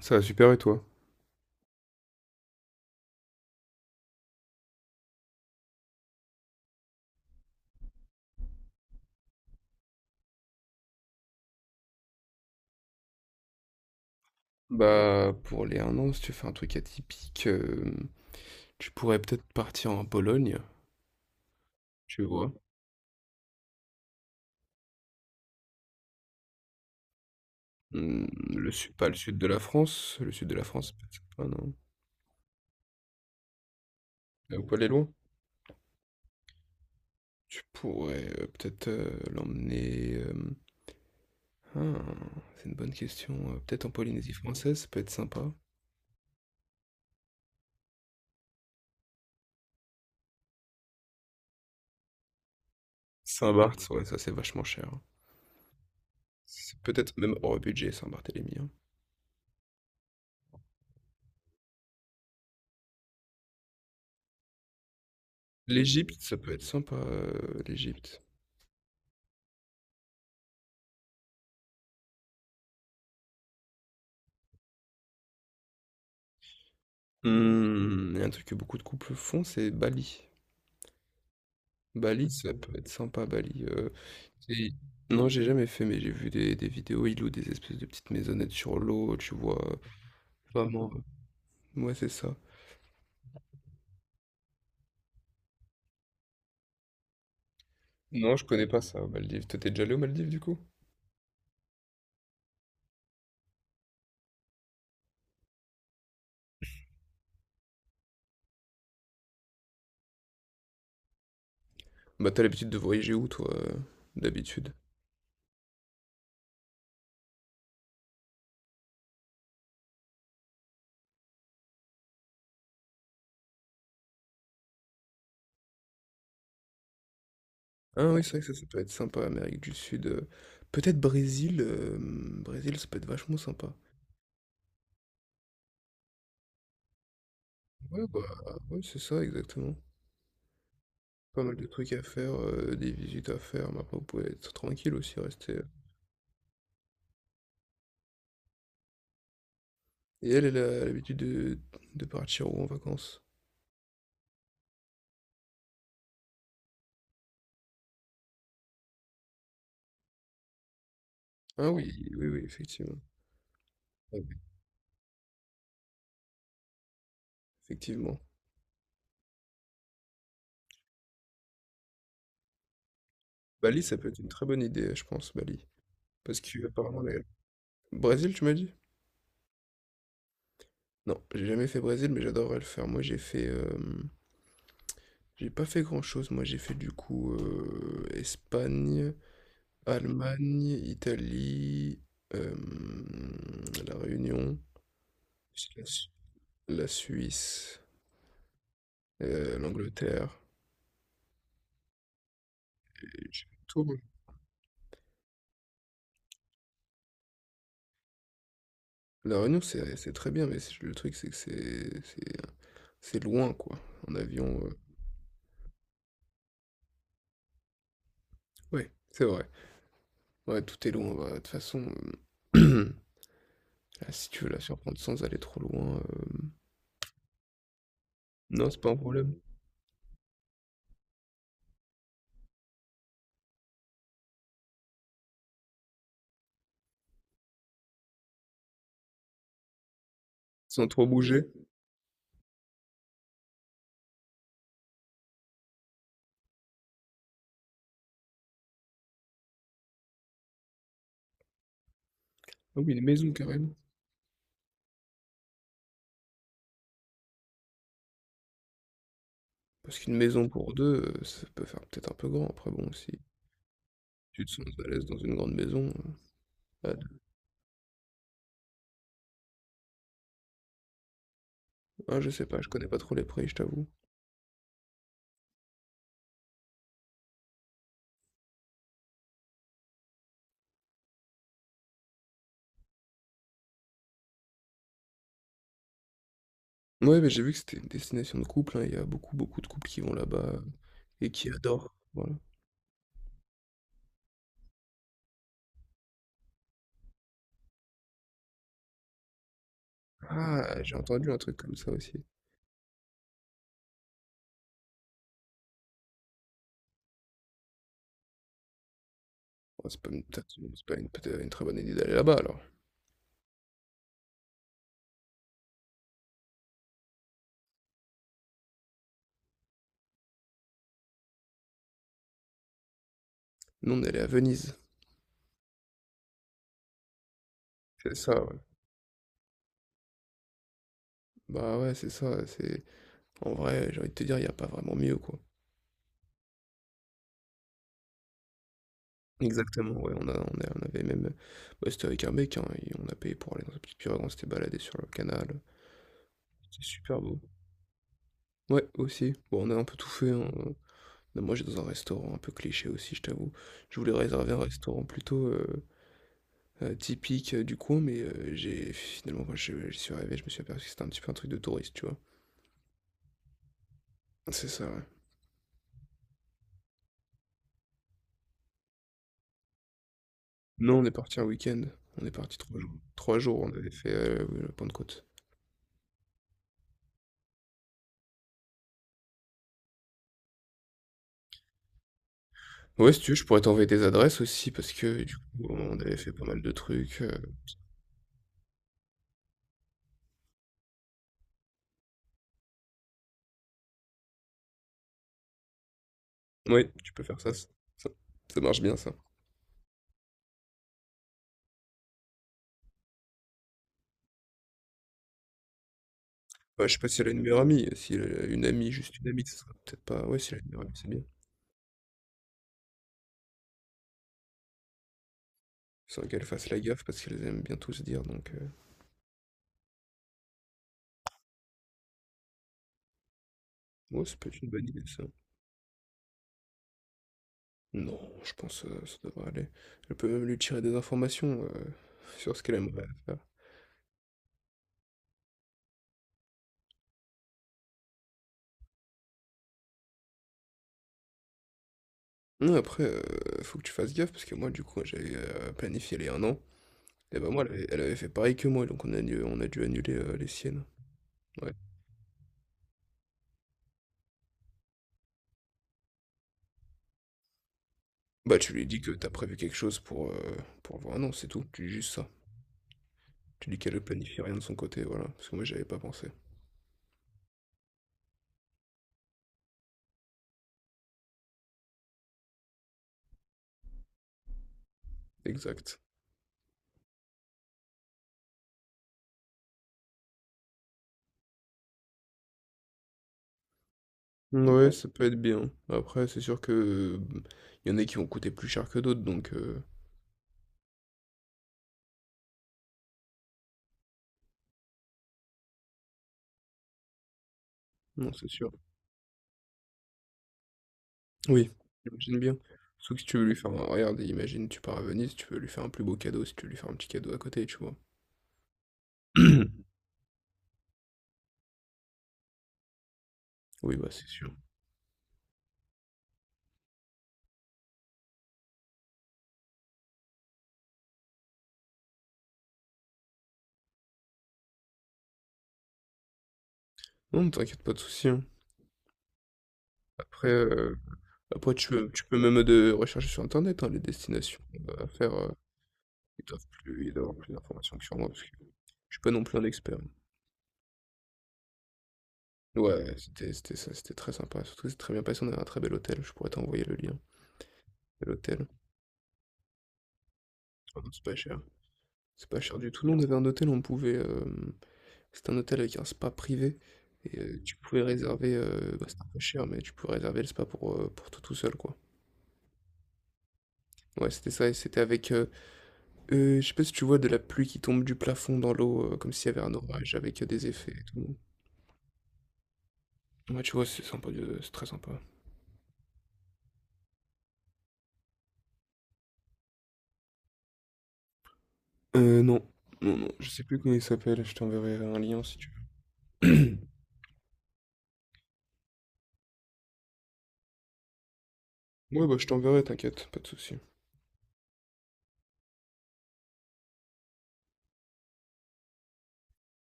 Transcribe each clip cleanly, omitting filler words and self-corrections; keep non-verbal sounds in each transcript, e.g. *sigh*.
Ça va super, et toi? Bah, pour les un an, si tu fais un truc atypique, tu pourrais peut-être partir en Pologne, tu vois? Mmh, le sud, pas le sud de la France, le sud de la France peut-être pas, non? Elle peut aller loin? Tu pourrais, peut-être, l'emmener, hein, c'est une bonne question, peut-être en Polynésie française, ça peut être sympa. Saint-Barth, ouais, ça, c'est vachement cher, hein. C'est peut-être même hors budget Saint-Barthélemy, hein. L'Égypte, ça peut être sympa, l'Égypte. Mmh, il y a un truc que beaucoup de couples font, c'est Bali. Bali, ça peut être sympa, Bali, c'est non, j'ai jamais fait, mais j'ai vu des vidéos, ils louent des espèces de petites maisonnettes sur l'eau, tu vois, vraiment, ouais, c'est ça. Non, je connais pas ça, aux Maldives. Toi, tu déjà allé aux Maldives, du coup? Bah, t'as l'habitude de voyager où, toi, d'habitude? Ah oui, c'est vrai que ça peut être sympa, Amérique du Sud, peut-être Brésil, Brésil, ça peut être vachement sympa. Ouais, bah, ouais, c'est ça, exactement. Pas mal de trucs à faire, des visites à faire, mais après vous pouvez être tranquille aussi, rester. Euh. Et elle, elle a l'habitude de partir où en vacances? Ah oui, oui, oui, effectivement. Ah oui, effectivement. Bali, ça peut être une très bonne idée, je pense, Bali. Parce qu'apparemment les Brésil, tu m'as dit? Non, j'ai jamais fait Brésil, mais j'adorerais le faire. Moi, j'ai fait, j'ai pas fait grand-chose. Moi, j'ai fait du coup, Espagne, Allemagne, Italie, hem, La Réunion, la Su la Suisse, l'Angleterre, et je tourne. La Réunion, c'est très bien, mais c'est le truc, c'est que c'est c'est loin, quoi. En avion, ouais, c'est vrai. Ouais, tout est loin, bah, de toute façon, hem, *clears throat* ah, si tu veux la surprendre sans aller trop loin, non, c'est pas un problème. Sans trop bouger. Ah oui, une maison, carrément. Parce qu'une maison pour deux, ça peut faire peut-être un peu grand. Après bon, si tu te sens à l'aise dans une grande maison, ah, ah, je sais pas, je connais pas trop les prix, je t'avoue. Ouais, mais j'ai vu que c'était une destination de couple, hein, il y a beaucoup, beaucoup de couples qui vont là-bas, et qui adorent, voilà. Ah! J'ai entendu un truc comme ça aussi. Oh, c'est pas une peut-être une très bonne idée d'aller là-bas alors. Nous, on est allé à Venise. C'est ça, ouais. Bah, ouais, c'est ça, c'est en vrai, j'ai envie de te dire, il y a pas vraiment mieux, quoi. Exactement, ouais, on a on avait même, bah, c'était avec un mec, hein, et on a payé pour aller dans une petite pirogue, on s'était baladé sur le canal, c'était super beau. Ouais, aussi. Bon, on a un peu tout fait, hein. Non, moi, j'étais dans un restaurant un peu cliché aussi, je t'avoue. Je voulais réserver un restaurant plutôt typique du coin, mais j'ai finalement, quand j'y suis arrivé, je me suis aperçu que c'était un petit peu un truc de touriste, tu vois. C'est ça, ouais. Non, on est parti un week-end. On est parti 3 jours. 3 jours, on avait fait oui, la Pentecôte. Ouais, si tu veux, je pourrais t'envoyer des adresses aussi, parce que du coup, on avait fait pas mal de trucs. Ouais, tu peux faire ça. Ça, ça marche bien, ça. Ouais, je sais pas si elle a une meilleure amie. Si elle a une amie, juste une amie, ce serait peut-être pas. Ouais, si elle a une meilleure amie, c'est bien. Sans qu'elles fassent la gaffe parce qu'elles aiment bien tout se dire, donc ouais, ça peut être une bonne idée ça. Non, je pense, ça devrait aller. Elle peut même lui tirer des informations, sur ce qu'elle aimerait faire. Non, après, faut que tu fasses gaffe parce que moi, du coup, j'avais, planifié les un an, et bah, moi, elle avait fait pareil que moi, donc on a dû annuler, les siennes. Ouais. Bah, tu lui dis que t'as prévu quelque chose pour avoir 1 an, c'est tout. Tu dis juste ça. Tu dis qu'elle ne planifie rien de son côté, voilà, parce que moi, j'avais pas pensé. Exact. Ouais, ça peut être bien. Après, c'est sûr que, mmh, il y en a qui vont coûter plus cher que d'autres, donc non, c'est sûr. Oui, j'imagine bien. Sauf que si tu veux lui faire un, regarde, imagine, tu pars à Venise, tu veux lui faire un plus beau cadeau, si tu veux lui faire un petit cadeau à côté, tu vois? *clears throat* Oui, bah, c'est sûr. Non, ne t'inquiète, pas de souci, hein. Après, après tu peux même, de rechercher sur internet, hein, les destinations, à faire, ils doivent avoir plus d'informations que sur moi, parce que je suis pas non plus un expert. Ouais, c'était ça, c'était très sympa, surtout c'est très bien passé, on avait un très bel hôtel, je pourrais t'envoyer le lien. Et l'hôtel. Ah non, c'est pas cher. C'est pas cher du tout. Nous, on avait un hôtel où on pouvait, c'était un hôtel avec un spa privé. Et tu pouvais réserver, bah, c'était un peu cher, mais tu pouvais réserver le spa pour toi tout seul, quoi. Ouais, c'était ça. Et c'était avec, je sais pas si tu vois de la pluie qui tombe du plafond dans l'eau, comme s'il y avait un orage avec des effets et tout. Ouais, tu vois, c'est sympa. C'est très sympa. Non. Non, non, je sais plus comment il s'appelle. Je t'enverrai un lien si tu veux. *clears throat* Ouais, bah, je t'enverrai, t'inquiète. Pas de souci.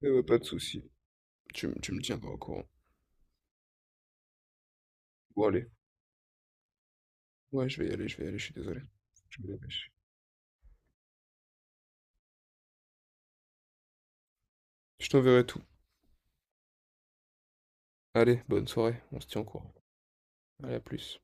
Ouais, ouais, pas de souci. Tu me tiendras au courant. Bon, allez. Ouais, je vais y aller, je vais y aller, je suis désolé. Je me dépêche. Je t'enverrai tout. Allez, bonne soirée, on se tient au courant. Allez, à plus.